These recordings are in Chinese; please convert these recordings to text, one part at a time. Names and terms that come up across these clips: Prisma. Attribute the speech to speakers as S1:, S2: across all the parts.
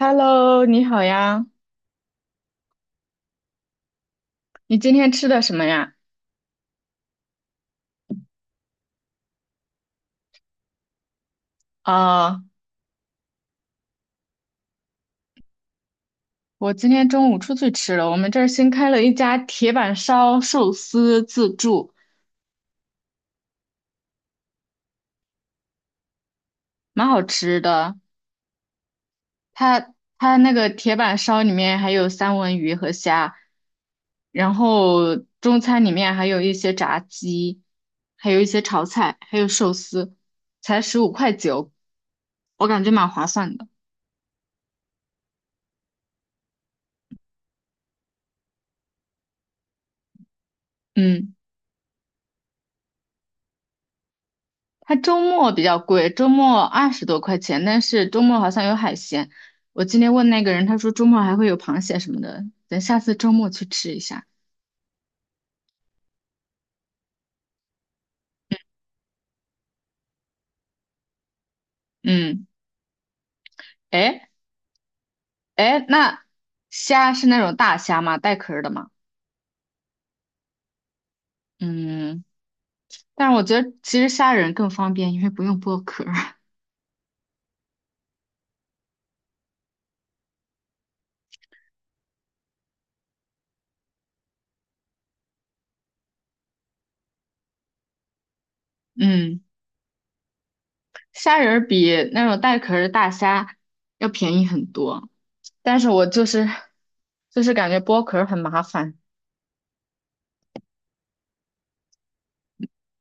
S1: Hello，你好呀，你今天吃的什么呀？啊、我今天中午出去吃了，我们这儿新开了一家铁板烧寿司自助，蛮好吃的。它那个铁板烧里面还有三文鱼和虾，然后中餐里面还有一些炸鸡，还有一些炒菜，还有寿司，才15块9，我感觉蛮划算的。嗯。它周末比较贵，周末20多块钱，但是周末好像有海鲜。我今天问那个人，他说周末还会有螃蟹什么的，等下次周末去吃一下。嗯，哎哎，那虾是那种大虾吗？带壳儿的吗？嗯，但是我觉得其实虾仁更方便，因为不用剥壳儿。嗯，虾仁儿比那种带壳儿的大虾要便宜很多，但是我就是感觉剥壳儿很麻烦。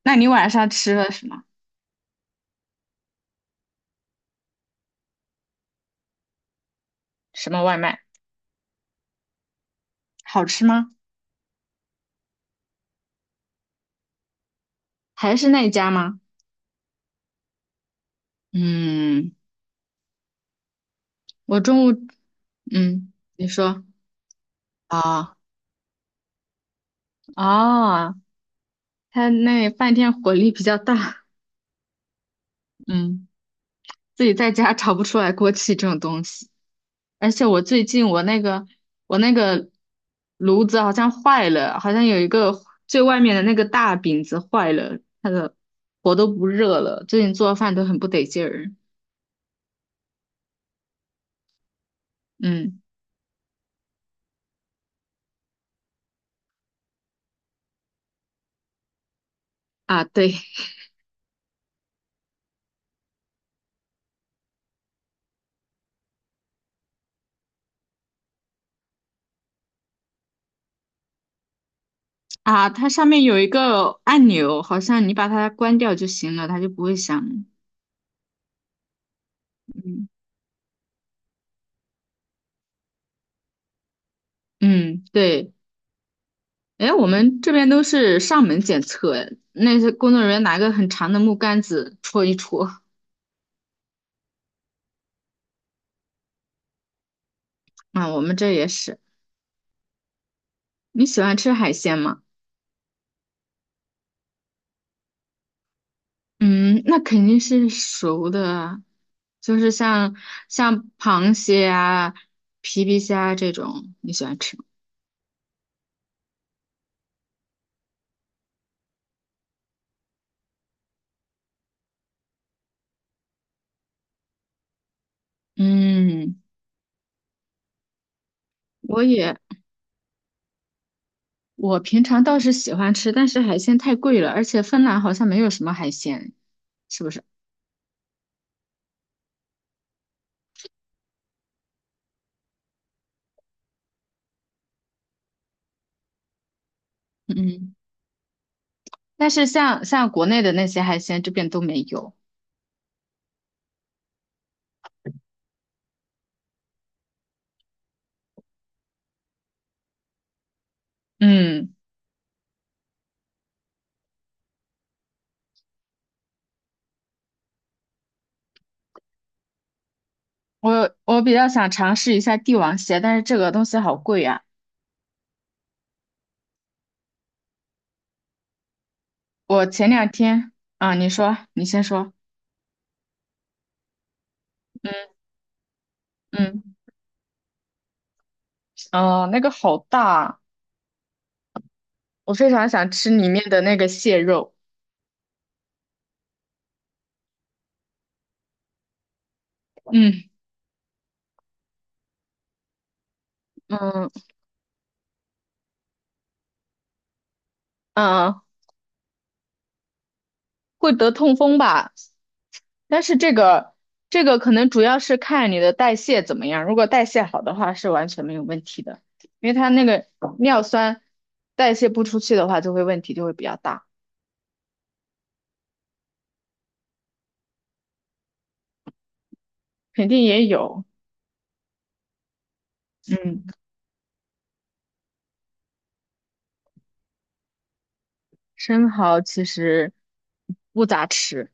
S1: 那你晚上吃了什么？什么外卖？好吃吗？还是那一家吗？嗯，我中午，嗯，你说啊，哦，他那饭店火力比较大，嗯，自己在家炒不出来锅气这种东西。而且我最近我那个我那个炉子好像坏了，好像有一个最外面的那个大饼子坏了，它的火都不热了，最近做饭都很不得劲儿。嗯啊，对，啊，它上面有一个按钮，好像你把它关掉就行了，它就不会响。嗯嗯，对。哎，我们这边都是上门检测，哎那些工作人员拿个很长的木杆子戳一戳。啊，我们这也是。你喜欢吃海鲜吗？嗯，那肯定是熟的啊，就是像螃蟹啊、皮皮虾这种，你喜欢吃吗？嗯，我也。我平常倒是喜欢吃，但是海鲜太贵了，而且芬兰好像没有什么海鲜，是不是？嗯嗯，但是像国内的那些海鲜，这边都没有。嗯，我比较想尝试一下帝王蟹，但是这个东西好贵啊。我前两天啊，你说，你先说。嗯嗯，哦，那个好大啊，我非常想吃里面的那个蟹肉。嗯嗯嗯，嗯会得痛风吧。但是这个可能主要是看你的代谢怎么样，如果代谢好的话是完全没有问题的，因为它那个尿酸代谢不出去的话，就会问题就会比较大，肯定也有。嗯，生蚝其实不咋吃，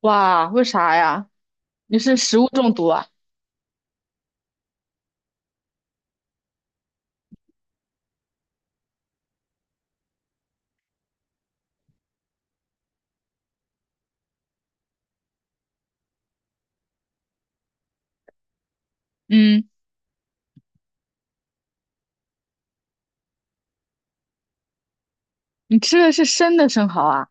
S1: 哇，为啥呀？你是食物中毒啊？嗯，你吃的是生的生蚝啊？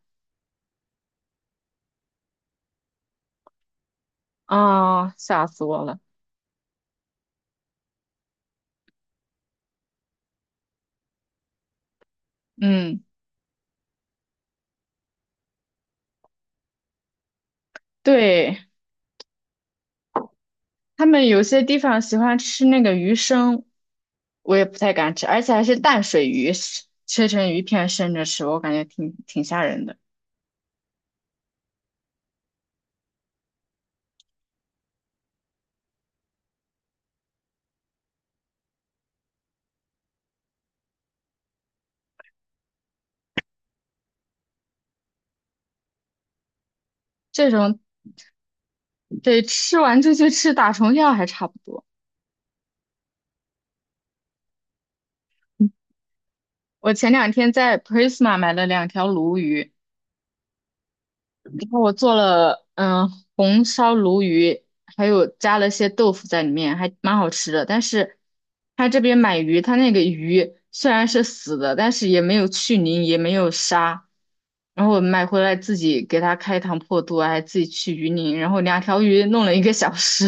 S1: 啊，吓死我了。嗯，对。他们有些地方喜欢吃那个鱼生，我也不太敢吃，而且还是淡水鱼，是切成鱼片生着吃，我感觉挺挺吓人的。这种得吃完就去吃打虫药还差不多。我前两天在 Prisma 买了2条鲈鱼，然后我做了红烧鲈鱼，还有加了些豆腐在里面，还蛮好吃的。但是他这边买鱼，他那个鱼虽然是死的，但是也没有去鳞，也没有杀。然后我买回来自己给它开膛破肚啊还自己去鱼鳞，然后2条鱼弄了1个小时。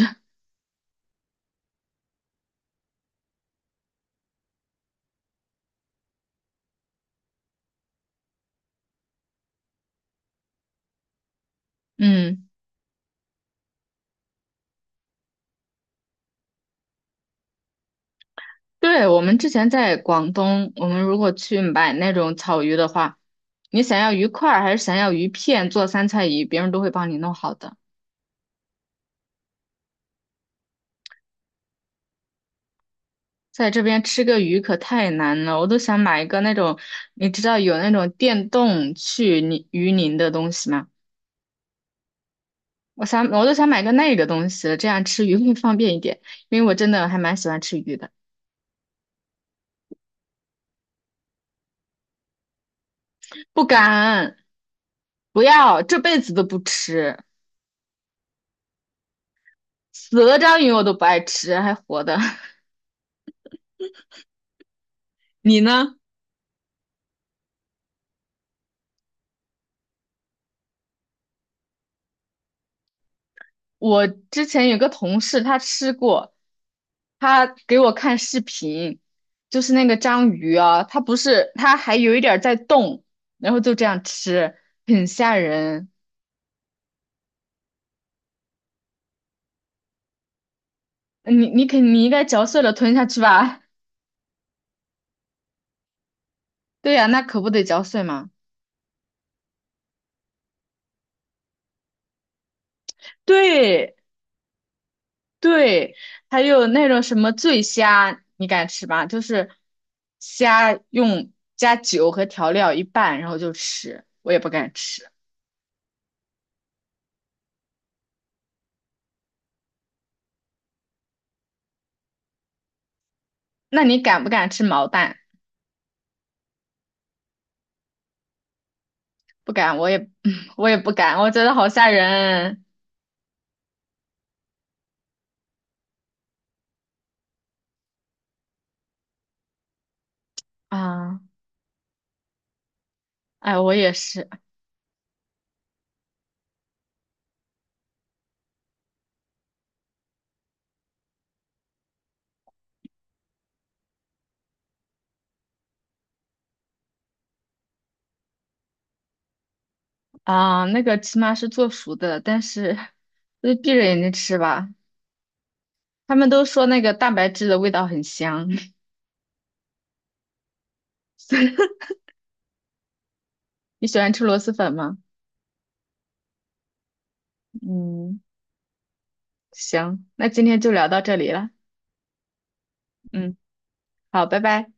S1: 嗯，对，我们之前在广东，我们如果去买那种草鱼的话，你想要鱼块儿还是想要鱼片做三菜鱼，别人都会帮你弄好的。在这边吃个鱼可太难了，我都想买一个那种，你知道有那种电动去泥鱼鳞的东西吗？我想，我都想买个那个东西了这样吃鱼会方便一点，因为我真的还蛮喜欢吃鱼的。不敢，不要，这辈子都不吃，死了章鱼我都不爱吃，还活的。你呢？我之前有个同事，他吃过，他给我看视频，就是那个章鱼啊，它不是，它还有一点儿在动，然后就这样吃，很吓人。你应该嚼碎了吞下去吧？对呀、那可不得嚼碎吗？对对，还有那种什么醉虾，你敢吃吗？就是虾用加酒和调料一拌，然后就吃，我也不敢吃。那你敢不敢吃毛蛋？不敢，我也 嗯我也不敢，我觉得好吓人啊！哎，我也是啊，那个起码是做熟的，但是就闭着眼睛吃吧。他们都说那个蛋白质的味道很香，你喜欢吃螺蛳粉吗？嗯，行，那今天就聊到这里了。嗯，好，拜拜。